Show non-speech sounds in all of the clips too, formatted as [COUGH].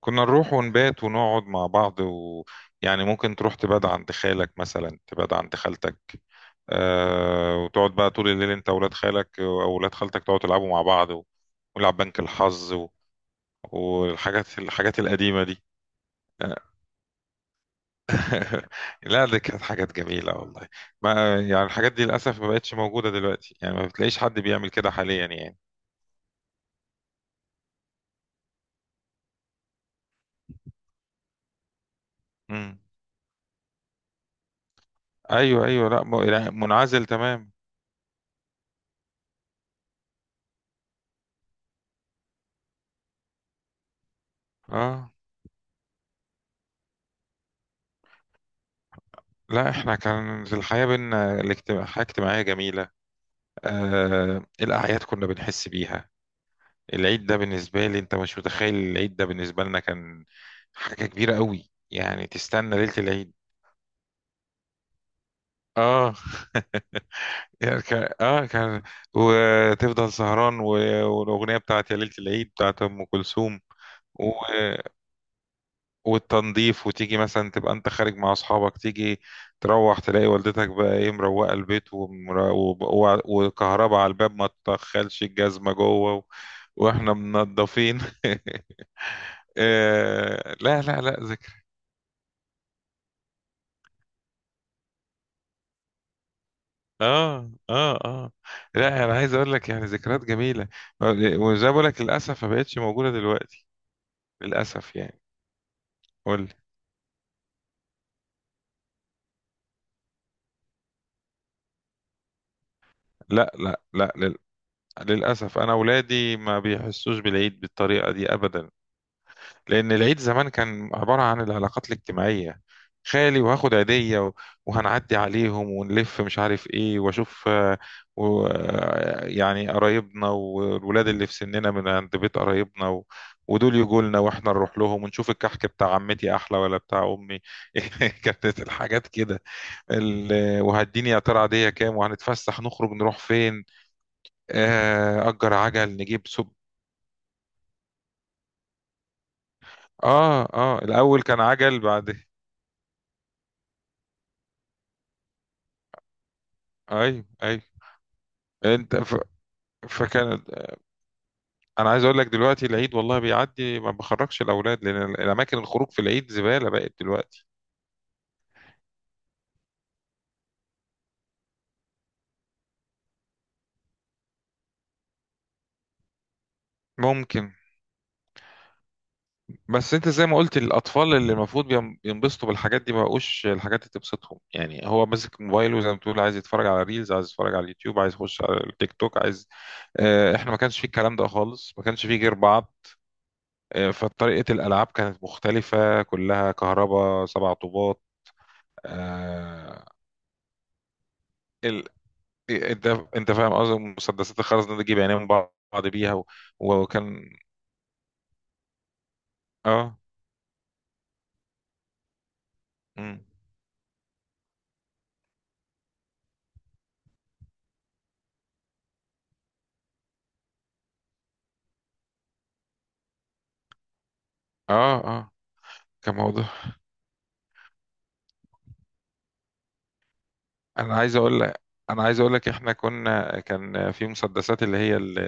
كنا نروح ونبات ونقعد مع بعض، ويعني ممكن تروح تبات عند خالك مثلا، تبات عند خالتك. آه، وتقعد بقى طول الليل انت وولاد خالك او ولاد خالتك، تقعدوا تلعبوا مع بعض ونلعب بنك الحظ والحاجات القديمة دي. [LAUGHS] لا، دي كانت حاجات جميلة والله. ما يعني الحاجات دي للأسف ما بقتش موجودة دلوقتي، يعني ما بتلاقيش حد بيعمل كده حاليا يعني. مم. أيوه، أيوه، لا، لا، منعزل تمام. اه، لا احنا كانت الحياة بينا حياة اجتماعية جميلة. آه، الأعياد كنا بنحس بيها. العيد ده بالنسبة لي انت مش متخيل، العيد ده بالنسبة لنا كان حاجة كبيرة قوي، يعني تستنى ليلة العيد. اه يعني كان. وتفضل سهران والأغنية بتاعت يا ليلة العيد بتاعت أم كلثوم. والتنظيف، وتيجي مثلا تبقى انت خارج مع اصحابك، تيجي تروح تلاقي والدتك بقى ايه مروقه البيت، وكهرباء على الباب، ما تدخلش الجزمه جوه، و... واحنا منضفين. [LAUGHS] آه، لا لا لا ذكر. اه، اه، اه، لا انا عايز اقول لك يعني ذكريات جميله. وزي ما بقول لك للاسف ما بقتش موجوده دلوقتي، للاسف يعني. قول لي. لا، لا، لا، للاسف انا اولادي ما بيحسوش بالعيد بالطريقه دي ابدا. لأن العيد زمان كان عبارة عن العلاقات الاجتماعية، خالي وهاخد عيدية، وهنعدي عليهم ونلف مش عارف ايه واشوف، و يعني قرايبنا والولاد اللي في سننا من عند بيت قرايبنا، و... ودول يجوا لنا واحنا نروح لهم ونشوف الكحك بتاع عمتي احلى ولا بتاع امي. [LAUGHS] كانت الحاجات كده. ال... وهديني يا ترى عاديه كام، وهنتفسح نخرج نروح فين؟ اجر عجل نجيب. اه، اه، الاول كان عجل بعد. ايوه، ايوه، انت فكان انا عايز اقول لك دلوقتي العيد والله بيعدي، ما بخرجش الاولاد لان الاماكن الخروج في العيد زباله بقت دلوقتي. ممكن. بس انت زي ما قلت، الاطفال اللي المفروض ينبسطوا بالحاجات دي ما بقوش الحاجات اللي تبسطهم، يعني هو ماسك موبايله زي ما بتقول، عايز يتفرج على ريلز، عايز يتفرج على اليوتيوب، عايز يخش على التيك توك، عايز اه، احنا ما كانش فيه الكلام ده خالص، ما كانش فيه غير بعض. اه، فطريقه الالعاب كانت مختلفه، كلها كهرباء، سبع طوبات. آه، إيه، انت انت فاهم قصدي، مسدسات الخرز دي تجيب عينين بعض بيها. و... وكان اه. مم. اه، اه، كان موضوع. انا عايز اقول لك انا عايز اقول لك، احنا كان في مسدسات،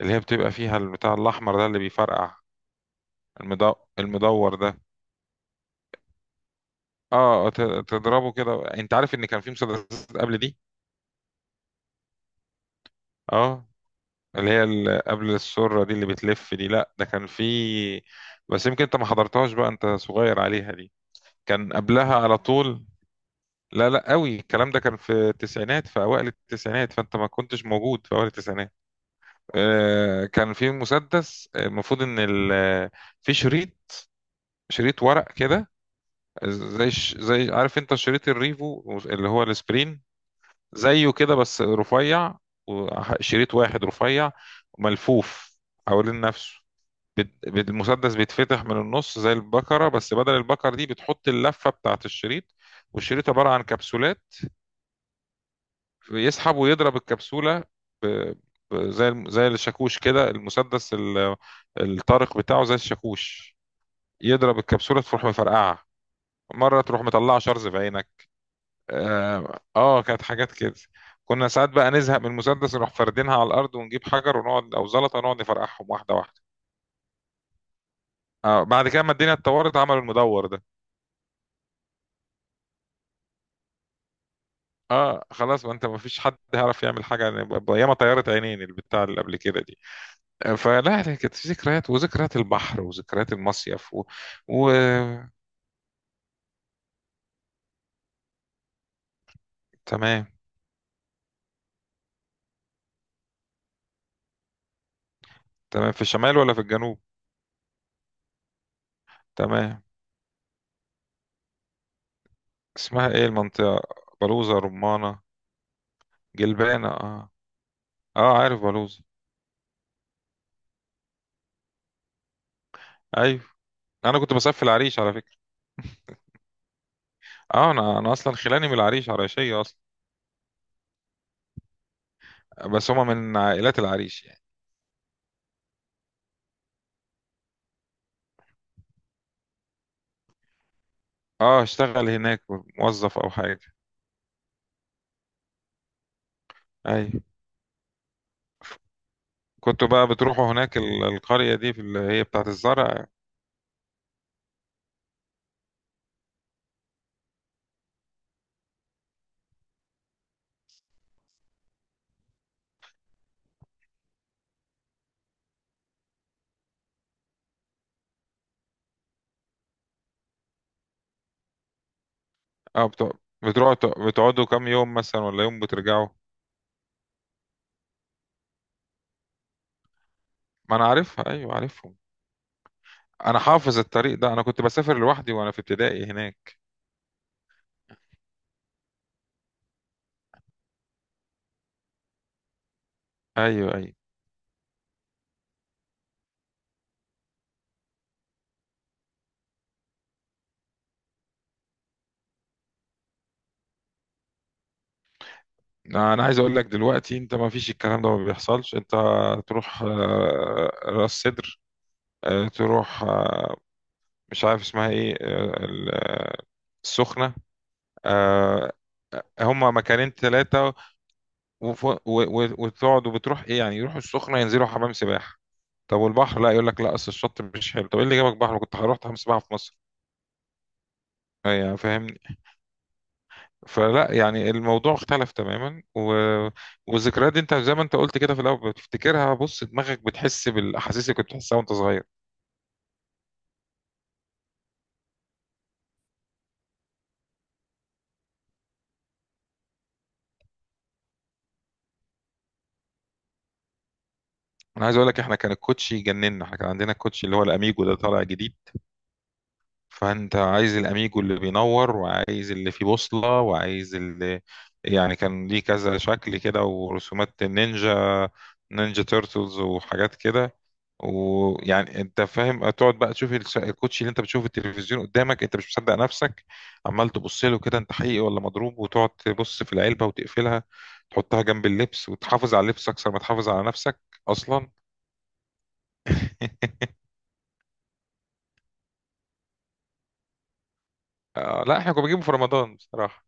اللي هي بتبقى فيها البتاع الاحمر ده اللي بيفرقع. المدو... المدور ده. اه، تضربه كده، انت عارف ان كان في مسدسات قبل دي. اه، اللي هي قبل السرة دي اللي بتلف دي، لا ده كان في، بس يمكن انت ما حضرتهاش بقى، انت صغير عليها دي. كان قبلها على طول. لا، لا، قوي الكلام ده كان في التسعينات، في اوائل التسعينات، فانت ما كنتش موجود في اوائل التسعينات. كان في مسدس، المفروض ان في شريط ورق كده، زي، عارف انت، شريط الريفو اللي هو السبرين. زيه كده بس رفيع، وشريط واحد رفيع، ملفوف حوالين نفسه. المسدس بيتفتح من النص زي البكرة، بس بدل البكرة دي بتحط اللفة بتاعت الشريط، والشريط عبارة عن كبسولات. يسحب ويضرب الكبسولة، ب... زي زي الشاكوش كده، المسدس الطارق بتاعه زي الشاكوش، يضرب الكبسولة تروح مفرقعة. مرة تروح مطلعة شرز في عينك. اه، كانت حاجات كده. كنا ساعات بقى نزهق من المسدس، نروح فاردينها على الأرض ونجيب حجر ونقعد، أو زلطة، نقعد نفرقعهم واحدة واحدة. اه، بعد كده ما الدنيا اتطورت عملوا المدور ده. اه، خلاص، ما انت ما فيش حد هيعرف يعمل حاجة، يعني ياما طيارة عينين البتاع اللي قبل كده دي. فلا، هي كانت ذكريات، وذكريات البحر، وذكريات المصيف. و... و... تمام، تمام، في الشمال ولا في الجنوب؟ تمام، اسمها ايه المنطقة؟ بلوزة رمانة؟ جلبانة، اه. اه، عارف بلوزة. ايوه، انا كنت بسافر في العريش على فكرة. اه، انا اصلا خلاني من العريش عريشية اصلا. بس هما من عائلات العريش يعني؟ اه، اشتغل هناك موظف او حاجة؟ ايوه، كنتوا بقى بتروحوا هناك القرية دي، في اللي هي بتاعت الزرع؟ اه، بتوع بتروحوا بتقعدوا كام يوم مثلا، ولا يوم بترجعوا؟ ما انا عارفها، ايوه، عارفهم. انا حافظ الطريق ده، انا كنت بسافر لوحدي وانا في ابتدائي هناك. ايوه، ايوه، انا عايز اقول لك دلوقتي، انت ما فيش الكلام ده، ما بيحصلش، انت تروح، راس سدر، تروح، مش عارف اسمها ايه، السخنة. آه، هما مكانين ثلاثة، وتقعدوا بتروح ايه؟ يعني يروحوا السخنة ينزلوا حمام سباحة. طب والبحر؟ لا يقول لك لا، اصل الشط مش حلو، طب ايه اللي جابك بحر، ما كنت هروح حمام سباحة في مصر. يعني، فاهمني؟ فلا يعني، الموضوع اختلف تماما. و... والذكريات دي انت زي ما انت قلت كده في الاول بتفتكرها، بص دماغك بتحس بالاحاسيس اللي كنت بتحسها وانت صغير. انا عايز اقول لك، احنا كان الكوتشي يجننا، احنا كان عندنا الكوتشي اللي هو الاميجو ده طالع جديد. فانت عايز الاميجو اللي بينور، وعايز اللي فيه بوصلة، وعايز اللي يعني كان ليه كذا شكل كده، ورسومات النينجا، نينجا تيرتلز وحاجات كده. ويعني انت فاهم، تقعد بقى تشوف الكوتشي اللي انت بتشوفه في التلفزيون قدامك، انت مش مصدق نفسك، عمال تبص له كده انت حقيقي ولا مضروب، وتقعد تبص في العلبة وتقفلها، تحطها جنب اللبس وتحافظ على اللبس اكثر ما تحافظ على نفسك اصلا. [LAUGHS] آه، لا احنا كنا بنجيبه في رمضان بصراحة.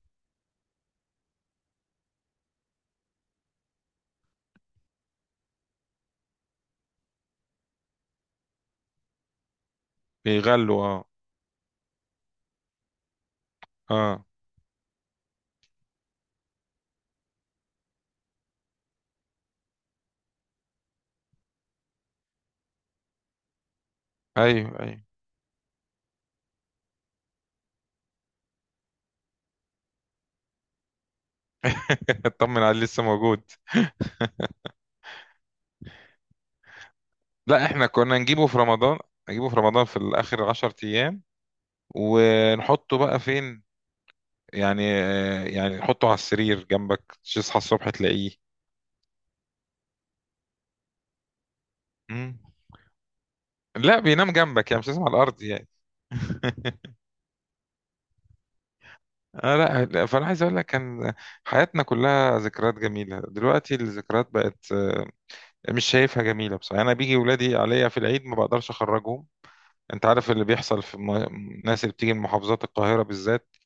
بيغلوا اه. اه، ايوه، ايوه. [LAUGHS] اطمن عليه لسه موجود. لا، احنا كنا نجيبه في رمضان، نجيبه في رمضان في اخر 10 ايام. ونحطه بقى فين؟ يعني، يعني نحطه على السرير جنبك، تصحى الصبح تلاقيه. مم. لا، بينام جنبك يعني، مش لازم على الارض يعني. [LAUGHS] لا، لا، فانا عايز اقول لك، كان حياتنا كلها ذكريات جميله. دلوقتي الذكريات بقت، مش شايفها جميله بصراحه، يعني انا بيجي ولادي عليا في العيد ما بقدرش اخرجهم. انت عارف اللي بيحصل في ناس اللي بتيجي من محافظات القاهره بالذات.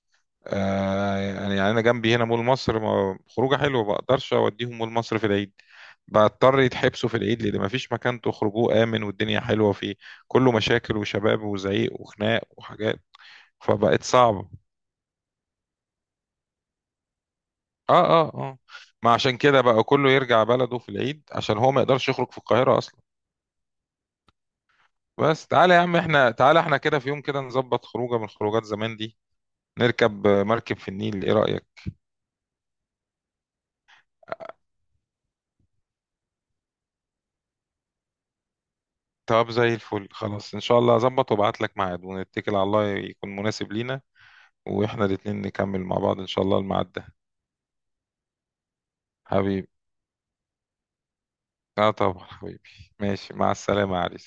آه، يعني انا جنبي هنا مول مصر، خروجه حلوه، ما بقدرش اوديهم مول مصر في العيد. بضطر يتحبسوا في العيد لان ما فيش مكان تخرجوه امن والدنيا حلوه فيه، كله مشاكل وشباب وزعيق وخناق وحاجات، فبقت صعبه. اه، اه، اه، ما عشان كده بقى كله يرجع بلده في العيد، عشان هو ما يقدرش يخرج في القاهره اصلا. بس تعالى يا عم احنا، تعالى احنا كده في يوم كده، نظبط خروجه من خروجات زمان دي، نركب مركب في النيل، ايه رايك؟ طب زي الفل، خلاص، ان شاء الله اظبط وابعت لك ميعاد، ونتكل على الله يكون مناسب لينا، واحنا الاتنين نكمل مع بعض ان شاء الله الميعاد ده. حبيبي، اه طبعا حبيبي. ماشي، مع السلامة يا علي.